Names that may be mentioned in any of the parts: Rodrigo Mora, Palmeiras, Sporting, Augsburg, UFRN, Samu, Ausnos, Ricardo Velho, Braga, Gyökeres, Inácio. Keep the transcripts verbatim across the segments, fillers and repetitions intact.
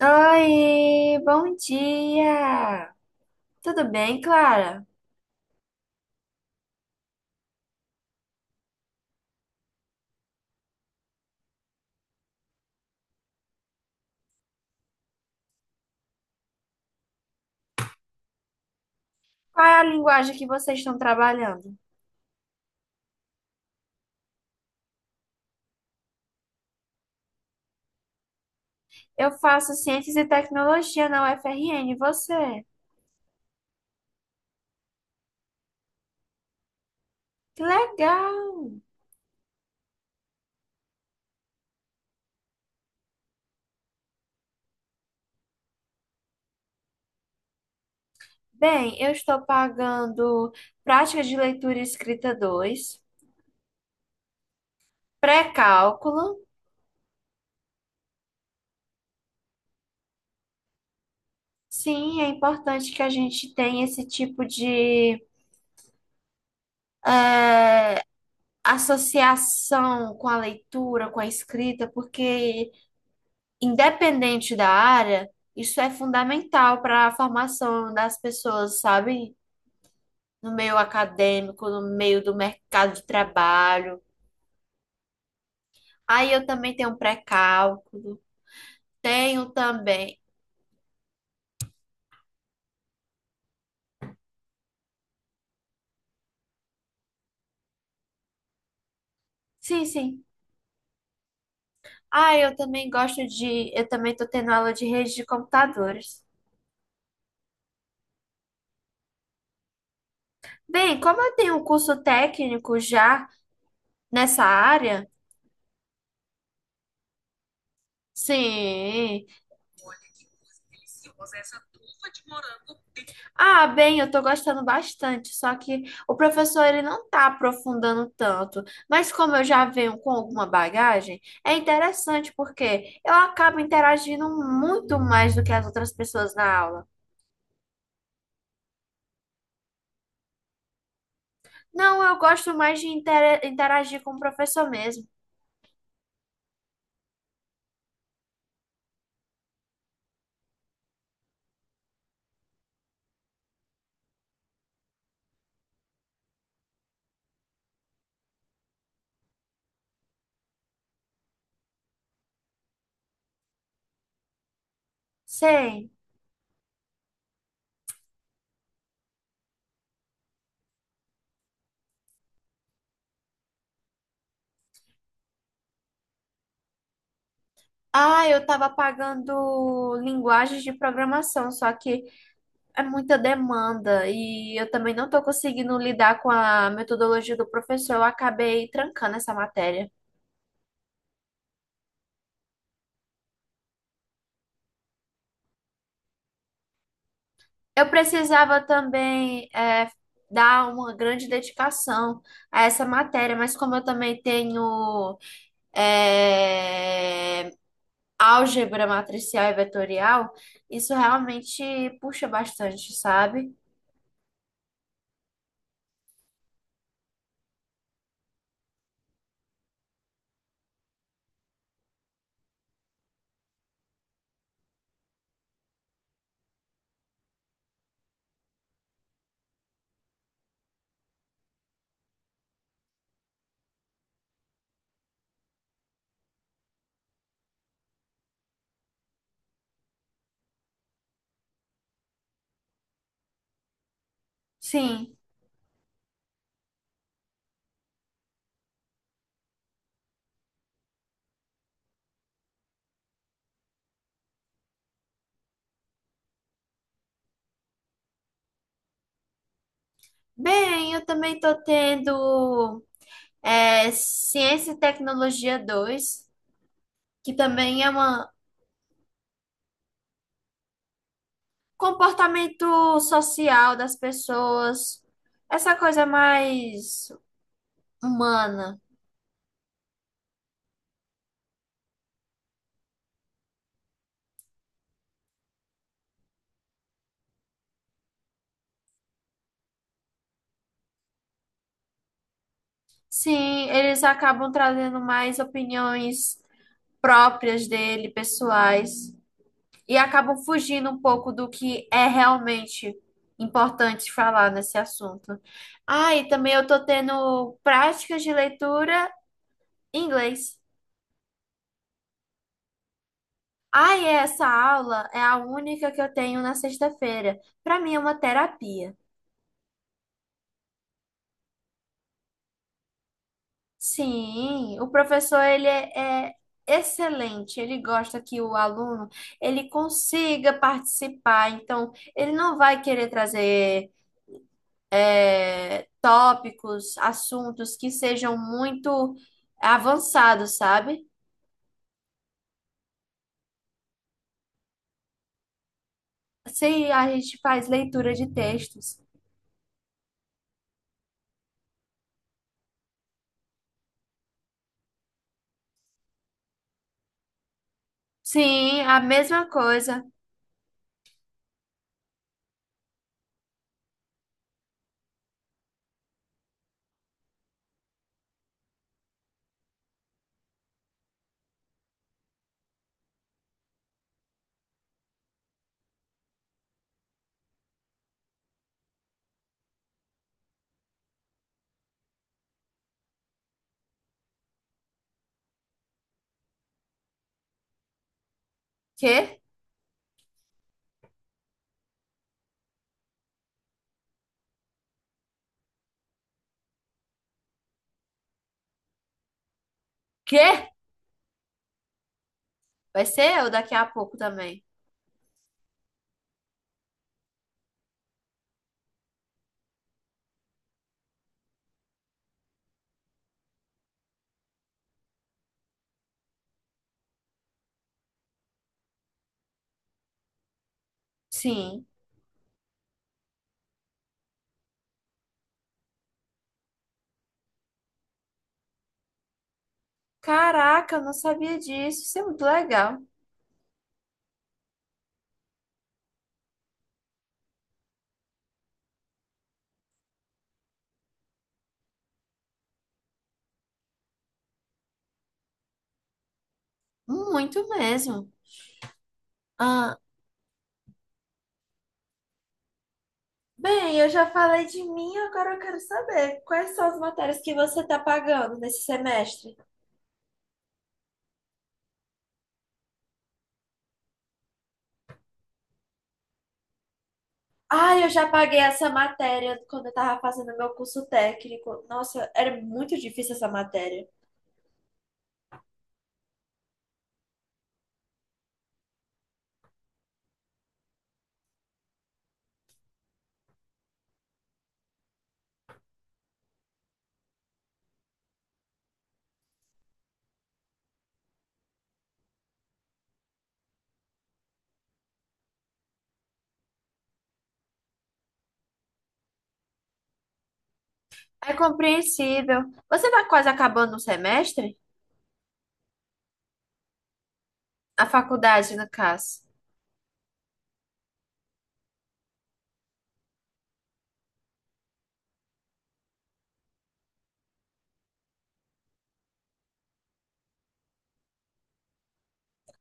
Oi, bom dia! Tudo bem, Clara? Qual é a linguagem que vocês estão trabalhando? Eu faço Ciências e Tecnologia na U F R N, e você? Que legal! Bem, eu estou pagando Prática de Leitura e Escrita dois, pré-cálculo. Sim, é importante que a gente tenha esse tipo de eh, associação com a leitura, com a escrita, porque independente da área, isso é fundamental para a formação das pessoas, sabe? No meio acadêmico, no meio do mercado de trabalho. Aí eu também tenho um pré-cálculo, tenho também. Sim, sim. Ah, eu também gosto de. Eu também estou tendo aula de rede de computadores. Bem, como eu tenho um curso técnico já nessa área, sim. Ah, bem, eu tô gostando bastante, só que o professor ele não tá aprofundando tanto. Mas como eu já venho com alguma bagagem, é interessante porque eu acabo interagindo muito mais do que as outras pessoas na aula. Não, eu gosto mais de intera- interagir com o professor mesmo. Sei. Ah, eu estava pagando linguagens de programação, só que é muita demanda e eu também não estou conseguindo lidar com a metodologia do professor, eu acabei trancando essa matéria. Eu precisava também é, dar uma grande dedicação a essa matéria, mas como eu também tenho é, álgebra matricial e vetorial, isso realmente puxa bastante, sabe? Sim. Bem, eu também estou tendo é, Ciência e Tecnologia dois, que também é um comportamento social das pessoas, essa coisa mais humana. Sim, eles acabam trazendo mais opiniões próprias dele, pessoais, e acabam fugindo um pouco do que é realmente importante falar nesse assunto. Ah, e também eu tô tendo práticas de leitura em inglês. Ah, e essa aula é a única que eu tenho na sexta-feira. Para mim é uma terapia. Sim, o professor ele é, é excelente, ele gosta que o aluno ele consiga participar, então ele não vai querer trazer é, tópicos, assuntos que sejam muito avançados, sabe? Sim, a gente faz leitura de textos. Sim, a mesma coisa. Quê? Quê? Vai ser eu daqui a pouco também. Sim. Caraca, eu não sabia disso. Isso é muito legal. Muito mesmo. Ah, bem, eu já falei de mim, agora eu quero saber quais são as matérias que você está pagando nesse semestre. Ah, eu já paguei essa matéria quando eu estava fazendo meu curso técnico. Nossa, era muito difícil essa matéria. É compreensível. Você está quase acabando o semestre? A faculdade, no caso.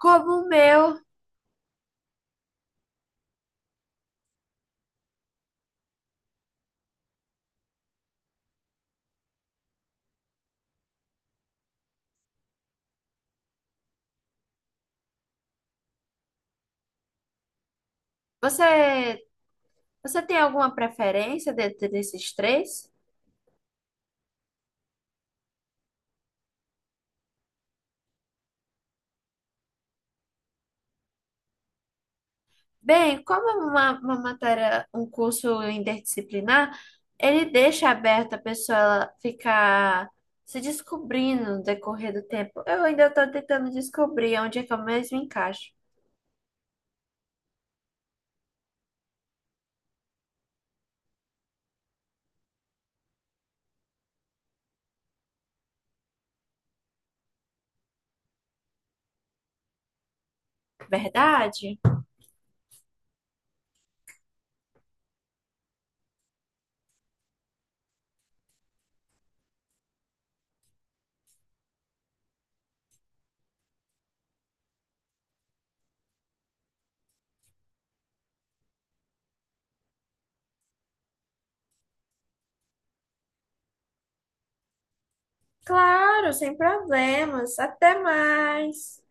Como o meu, você, você tem alguma preferência dentre esses três? Bem, como é uma, uma matéria, um curso interdisciplinar, ele deixa aberta a pessoa ela ficar se descobrindo no decorrer do tempo. Eu ainda estou tentando descobrir onde é que eu mesmo encaixo. Verdade? Claro, sem problemas. Até mais.